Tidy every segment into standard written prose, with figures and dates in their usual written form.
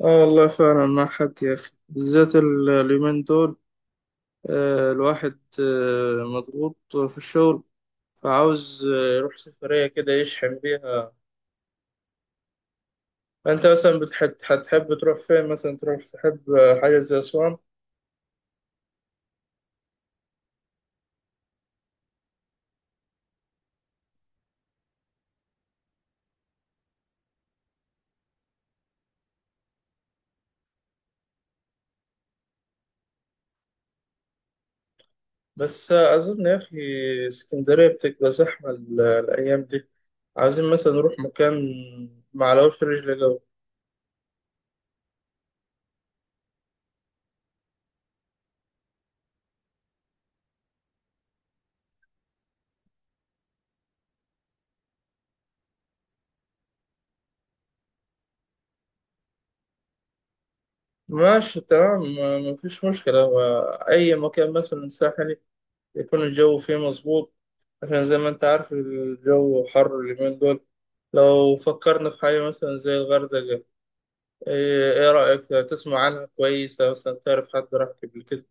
اه والله فعلا مع حد يا اخي، بالذات اليومين دول. الواحد مضغوط في الشغل. فعاوز يروح سفرية كده يشحن بيها. فانت مثلا هتحب تروح فين، مثلا تروح تحب حاجة زي أسوان؟ بس أظن يا أخي اسكندرية بتبقى زحمة الأيام دي. عاوزين مثلا نروح مكان. معلوش رجل جو. ماشي تمام، مفيش مشكلة. هو أي مكان مثلا ساحل يكون الجو فيه مظبوط، عشان زي ما انت عارف الجو حر اليومين دول. لو فكرنا في حاجة مثلا زي الغردقة، ايه رأيك؟ تسمع عنها كويسة؟ مثلا تعرف حد راح قبل كده؟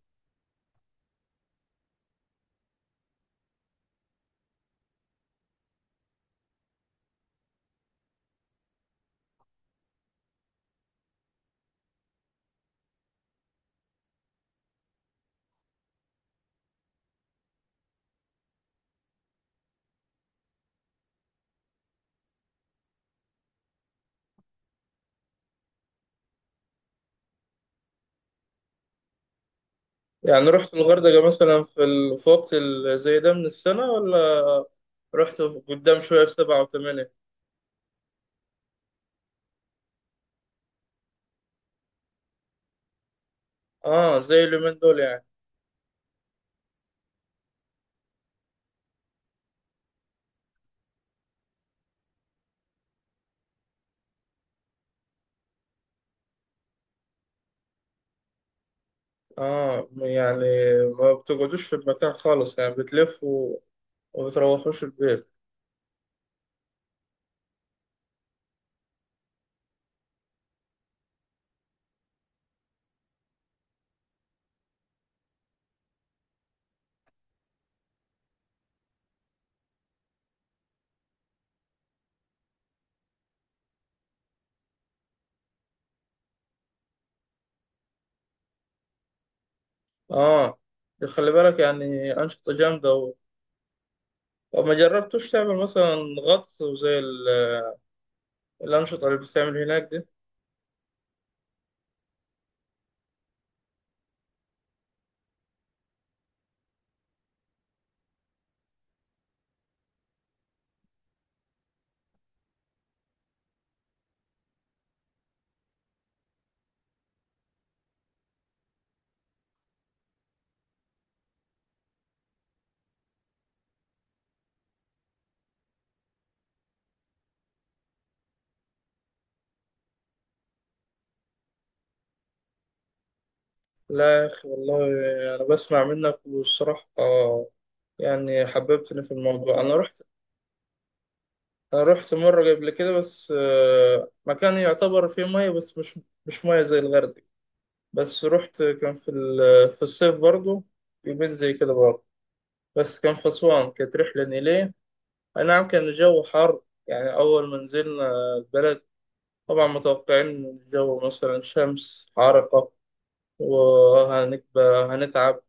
يعني رحت الغردقة مثلا في وقت زي ده من السنة، ولا رحت قدام شوية في سبعة وثمانية؟ اه، زي اليومين دول يعني؟ اه يعني ما بتقعدوش في المكان خالص يعني؟ بتلفوا وما بتروحوش البيت؟ اه، خلي بالك يعني أنشطة جامدة. طب ما جربتوش تعمل مثلا غطس وزي الأنشطة اللي بتتعمل هناك دي؟ لا يا أخي والله، أنا بسمع منك والصراحة يعني حببتني في الموضوع. أنا رحت مرة قبل كده، بس مكان يعتبر فيه مية بس، مش مية زي الغردقة. بس رحت، كان في الصيف برضو، يومين زي كده برضو، بس كان في أسوان، كانت رحلة نيلية. أي نعم، كان الجو حر. يعني أول ما نزلنا البلد، طبعا متوقعين إن الجو مثلا شمس حارقة، وهنبقى هنتعب.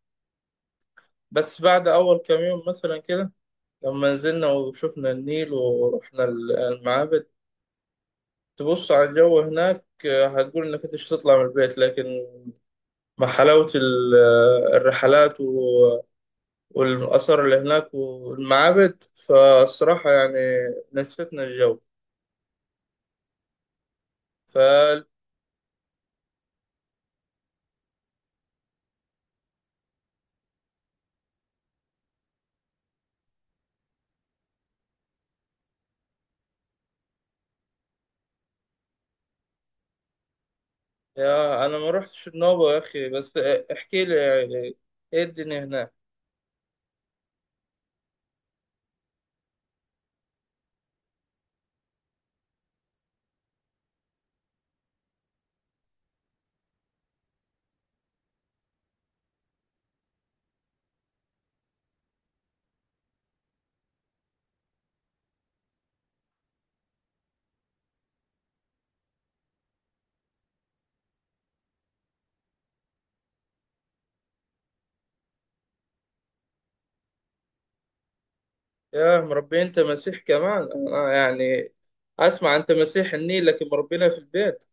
بس بعد أول كام يوم مثلا كده، لما نزلنا وشفنا النيل ورحنا المعابد، تبص على الجو هناك هتقول إنك أنت مش هتطلع من البيت. لكن مع حلاوة الرحلات والآثار اللي هناك والمعابد، فالصراحة يعني نسيتنا الجو. ف يا أنا ما رحتش النوبة يا أخي، بس احكي لي يعني إيه الدنيا هناك. يا مربي انت مسيح كمان، انا يعني اسمع، انت مسيح النيل لكن مربينا في البيت.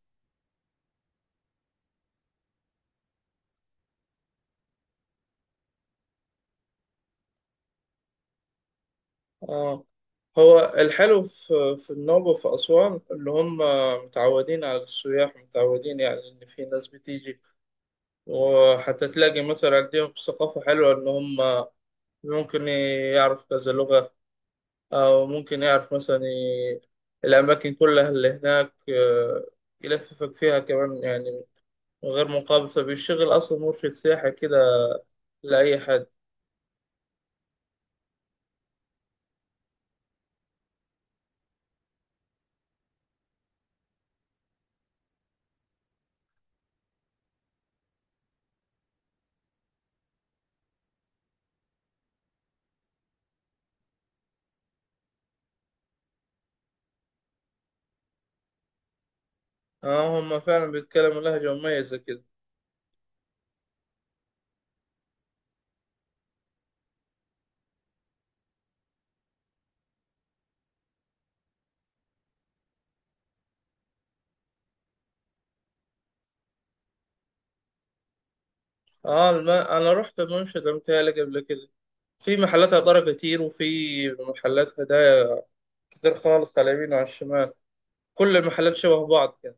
اه، هو الحلو في النوبة وفي أسوان، اللي هم متعودين على السياح، متعودين يعني إن في ناس بتيجي، وحتى تلاقي مثلا عندهم ثقافة حلوة، إن هم ممكن يعرف كذا لغة، أو ممكن يعرف مثلا الأماكن كلها اللي هناك، يلففك فيها كمان، يعني من غير مقابل، فبيشتغل أصلا مرشد سياحي كده لأي حد. اه، هم فعلا بيتكلموا لهجة مميزة كده. اه، انا رحت المنشدة متهيألي قبل كده، في محلات عطارة كتير، وفي محلات هدايا كتير خالص، على اليمين وعلى الشمال، كل المحلات شبه بعض كده.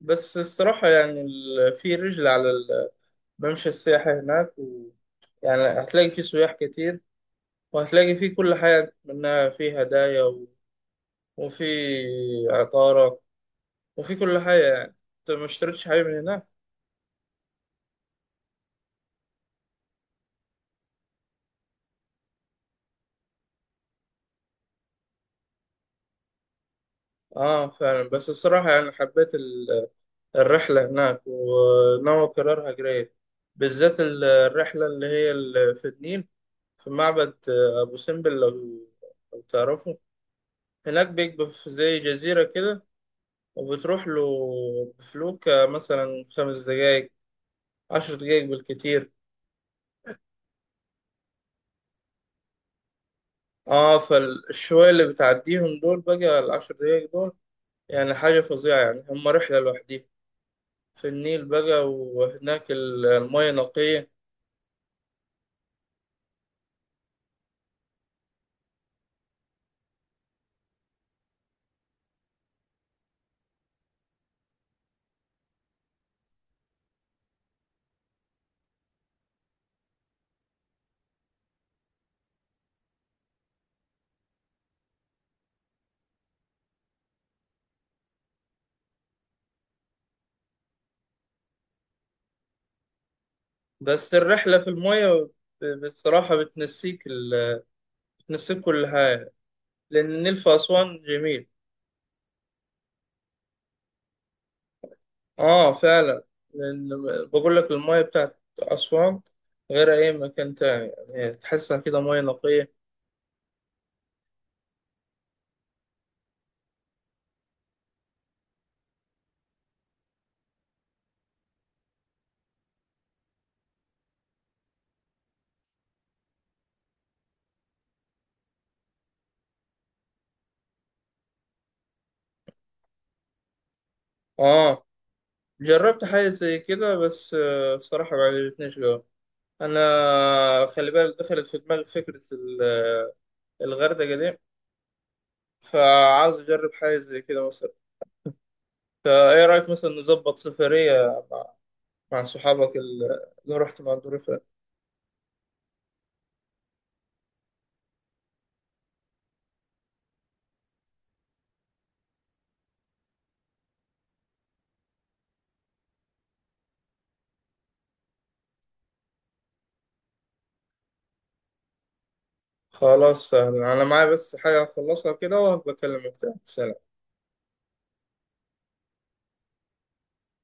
بس الصراحة يعني في رجل على الممشى السياحي هناك يعني هتلاقي فيه سياح كتير، وهتلاقي فيه كل حاجة، منها فيه هدايا وفي عطارة، وفي كل حاجة. يعني انت ما اشتريتش حاجة من هناك؟ اه، فعلا. بس الصراحة يعني حبيت الرحلة هناك، وناوي أكررها قريب، بالذات الرحلة اللي هي في النيل، في معبد أبو سمبل. لو تعرفه، هناك بيبقى في زي جزيرة كده، وبتروح له بفلوك مثلا 5 دقايق، 10 دقايق بالكتير. اه، فالشوية اللي بتعديهم دول بقى، العشر دقايق دول يعني حاجة فظيعة، يعني هم رحلة لوحديهم في النيل بقى، وهناك المياه نقية. بس الرحلة في المية بصراحة بتنسيك بتنسيك كل حاجة. لأن النيل في أسوان جميل. آه فعلا. لأن بقول لك المية بتاعت أسوان غير أي مكان تاني، يعني تحسها كده مية نقية. آه، جربت حاجة زي كده، بس بصراحة ما عجبتنيش جوه. أنا خلي بالك دخلت في دماغي فكرة الغردقة دي، فعاوز أجرب حاجة زي كده مثلا. فإيه رأيك مثلا نظبط سفرية مع صحابك اللي رحت مع الدور اللي فات؟ خلاص، سهل. انا معايا بس حاجة اخلصها كده، وهبقى اكلمك تاني. سلام.